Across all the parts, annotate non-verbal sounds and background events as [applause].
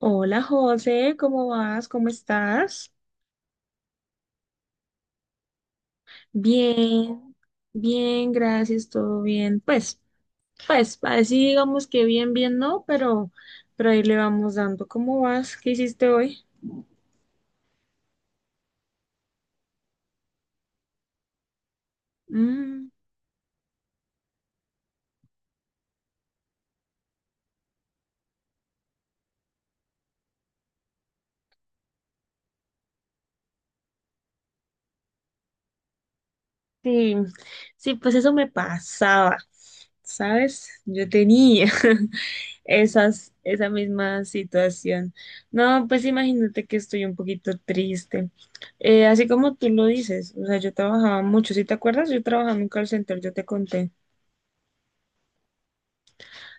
Hola José, ¿cómo vas? ¿Cómo estás? Bien, bien, gracias, todo bien. Pues, así digamos que bien, bien no, pero ahí le vamos dando. ¿Cómo vas? ¿Qué hiciste hoy? Mm, sí, sí, pues eso me pasaba, ¿sabes? Yo tenía. [laughs] Esa misma situación. No, pues imagínate que estoy un poquito triste. Así como tú lo dices, o sea, yo trabajaba mucho, si te acuerdas, yo trabajaba en un call center, yo te conté.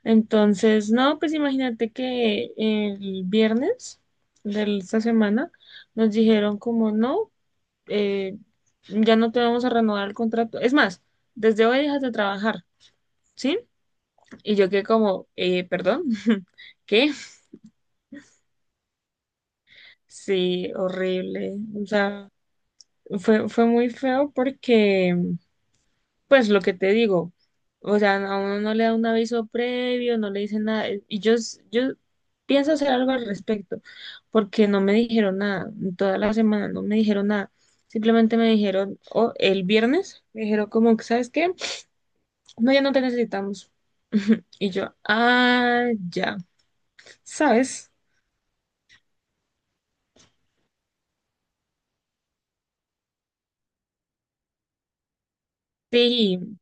Entonces, no, pues imagínate que el viernes de esta semana nos dijeron como no, eh, ya no te vamos a renovar el contrato. Es más, desde hoy dejas de trabajar, ¿sí? Y yo quedé como, perdón, [laughs] ¿qué? Sí, horrible. O sea, fue muy feo porque, pues lo que te digo, o sea, a uno no le da un aviso previo, no le dicen nada, y yo pienso hacer algo al respecto, porque no me dijeron nada, en toda la semana no me dijeron nada, simplemente me dijeron, o el viernes, me dijeron como que, ¿sabes qué? No, ya no te necesitamos. [laughs] Y yo, ah, ya, ¿sabes? Sí.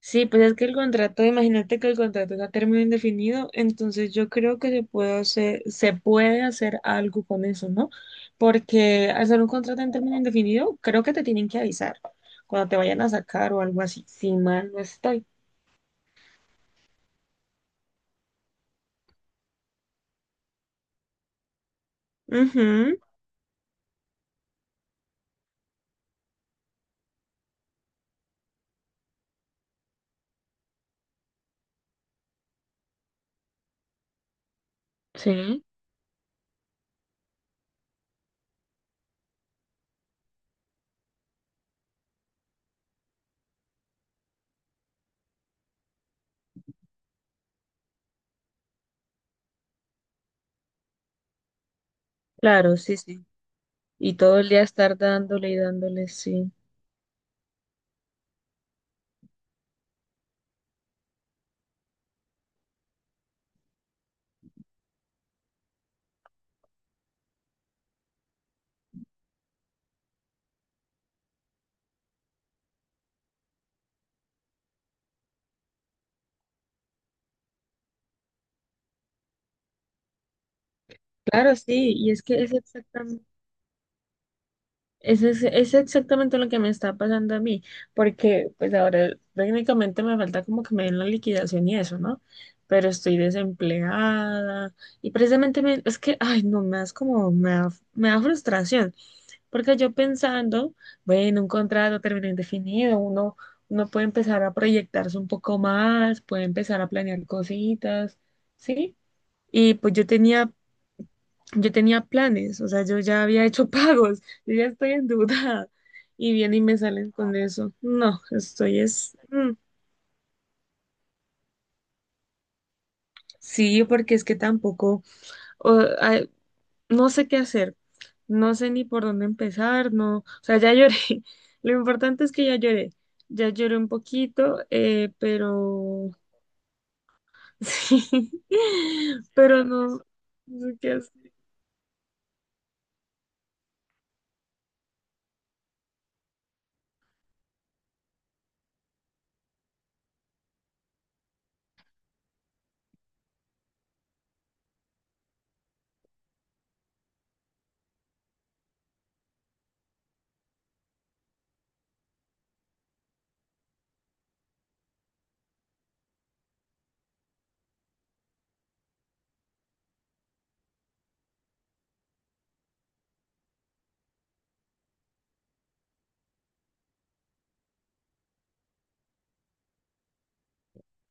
Sí, pues es que el contrato, imagínate que el contrato es a término indefinido, entonces yo creo que se puede hacer algo con eso, ¿no? Porque al ser un contrato en término indefinido, creo que te tienen que avisar cuando te vayan a sacar o algo así, si mal no estoy. Ujú, sí, claro, sí, sí. Y todo el día estar dándole y dándole, sí. Claro, sí, y es que es exactamente. Eso es exactamente lo que me está pasando a mí, porque pues ahora técnicamente me falta como que me den la liquidación y eso, ¿no? Pero estoy desempleada y precisamente es que, ay, no, me das como, me da frustración, porque yo pensando, bueno, un contrato a término indefinido, uno puede empezar a proyectarse un poco más, puede empezar a planear cositas, ¿sí? Y pues yo tenía planes, o sea, yo ya había hecho [laughs] pagos, yo ya estoy endeudada y vienen y me salen con eso. No, estoy es, sí, porque es que tampoco, ay, no sé qué hacer, no sé ni por dónde empezar, no, o sea, ya lloré. [laughs] Lo importante es que ya lloré un poquito, pero [laughs] sí, pero no, no sé qué.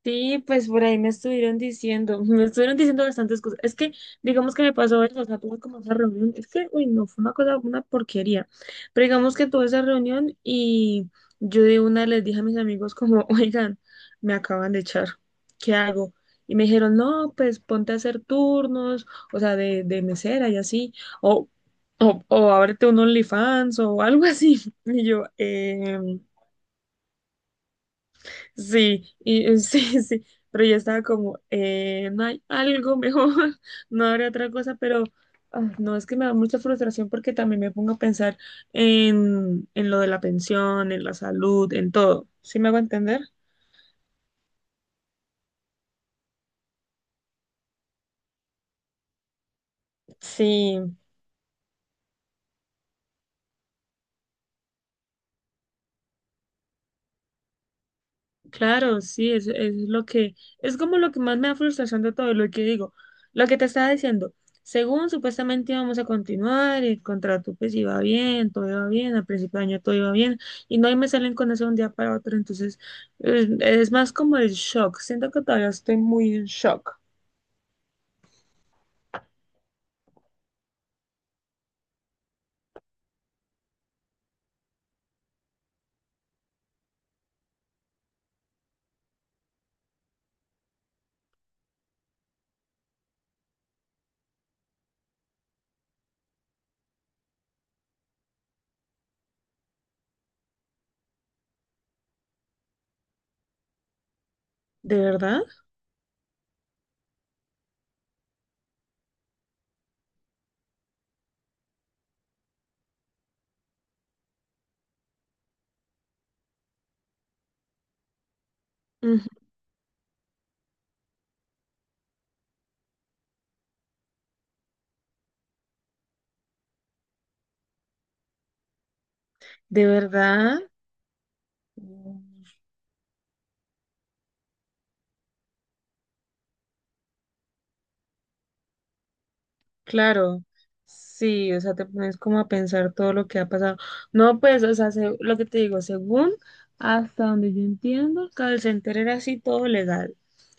Sí, pues por ahí me estuvieron diciendo, [laughs] me estuvieron diciendo bastantes cosas. Es que, digamos que me pasó eso, o sea, tuve como esa reunión, es que, uy, no, fue una cosa, una porquería. Pero digamos que tuve esa reunión y yo de una les dije a mis amigos como, [laughs] oigan, me acaban de echar, ¿qué hago? Y me dijeron, no, pues ponte a hacer turnos, o sea, de mesera y así, o, o ábrete un OnlyFans o algo así. [laughs] Y yo, sí, y [laughs] sí, sí, pero yo estaba como, no hay algo mejor, [laughs] no habrá otra cosa, pero ah, no, es que me da mucha frustración porque también me pongo a pensar en lo de la pensión, en la salud, en todo. ¿Sí me hago entender? Sí, claro, sí, es lo que, es como lo que más me da frustración de todo, lo que digo, lo que te estaba diciendo, según supuestamente íbamos a continuar, el contrato pues iba bien, todo iba bien, al principio de año todo iba bien, y no y me salen con eso de un día para otro, entonces es más como el shock, siento que todavía estoy muy en shock. ¿De verdad? Ujú. ¿De verdad? Claro, sí, o sea, te pones como a pensar todo lo que ha pasado. No, pues, o sea, lo que te digo, según hasta donde yo entiendo, el call center era así todo legal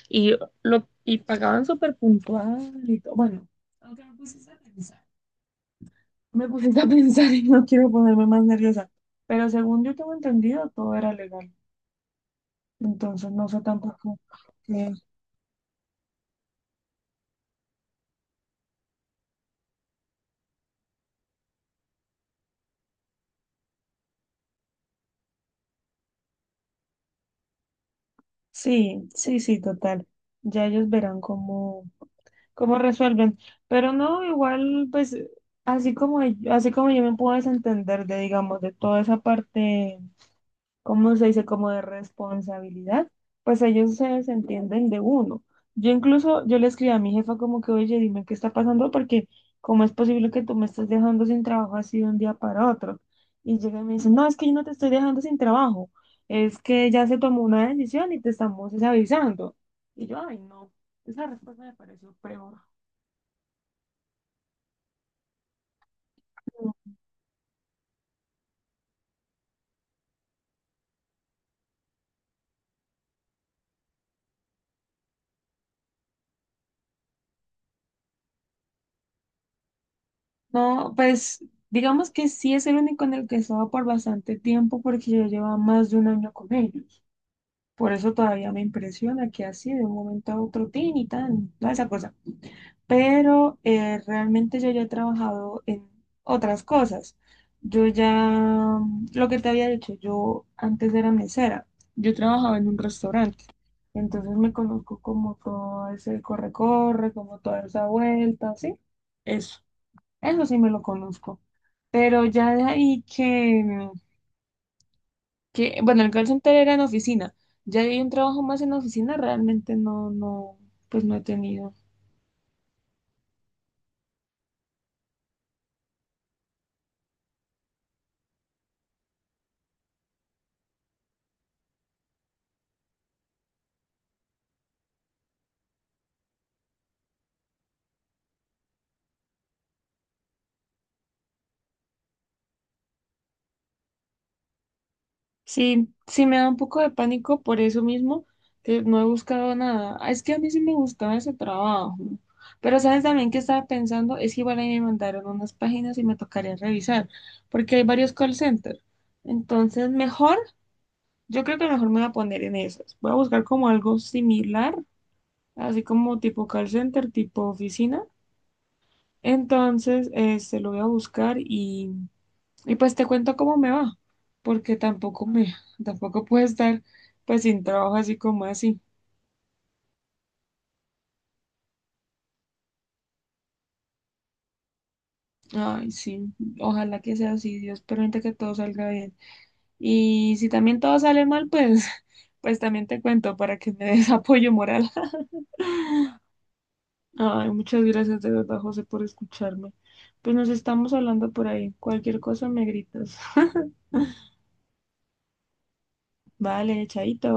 y y pagaban súper puntual y todo. Bueno, aunque me pusiste a pensar, me pusiste a [laughs] pensar y no quiero ponerme más nerviosa, pero según yo tengo entendido, todo era legal. Entonces, no sé tampoco. que- Sí, sí, sí, total. Ya ellos verán cómo resuelven. Pero no, igual, pues, así como, así como yo me puedo desentender de, digamos, de toda esa parte, ¿cómo se dice? Como de responsabilidad, pues ellos se desentienden de uno. Yo incluso, yo le escribí a mi jefa como que, oye, dime qué está pasando, porque cómo es posible que tú me estés dejando sin trabajo así de un día para otro. Y llega y me dice, no, es que yo no te estoy dejando sin trabajo, es que ya se tomó una decisión y te estamos es, avisando. Y yo, ay, no, esa respuesta me pareció peor. No, pues digamos que sí es el único en el que he estado por bastante tiempo porque yo llevaba más de un año con ellos. Por eso todavía me impresiona que así de un momento a otro, tin y tan, toda esa cosa. Pero realmente yo ya he trabajado en otras cosas. Yo ya, lo que te había dicho, yo antes era mesera, yo trabajaba en un restaurante. Entonces me conozco como todo ese corre-corre, como toda esa vuelta, ¿sí? Eso. Eso sí me lo conozco. Pero ya de ahí que, bueno, el call center era en oficina. Ya de ahí un trabajo más en oficina, realmente no, no, pues no he tenido. Sí, sí me da un poco de pánico por eso mismo, que no he buscado nada. Ah, es que a mí sí me gustaba ese trabajo, ¿no? Pero sabes, también que estaba pensando, es que igual ahí me mandaron unas páginas y me tocaría revisar, porque hay varios call centers. Entonces, mejor, yo creo que mejor me voy a poner en esas. Voy a buscar como algo similar, así como tipo call center, tipo oficina. Entonces, este, lo voy a buscar y, pues te cuento cómo me va, porque tampoco me, [laughs] tampoco puedo estar pues sin trabajo así como así. Ay, sí, ojalá que sea así, Dios permite que todo salga bien. Y si también todo sale mal, pues, [laughs] pues también te cuento para que me des apoyo moral. [laughs] Ay, muchas gracias de verdad, José, por escucharme. Pues nos estamos hablando por ahí. Cualquier cosa me gritas. [laughs] Vale, chaito.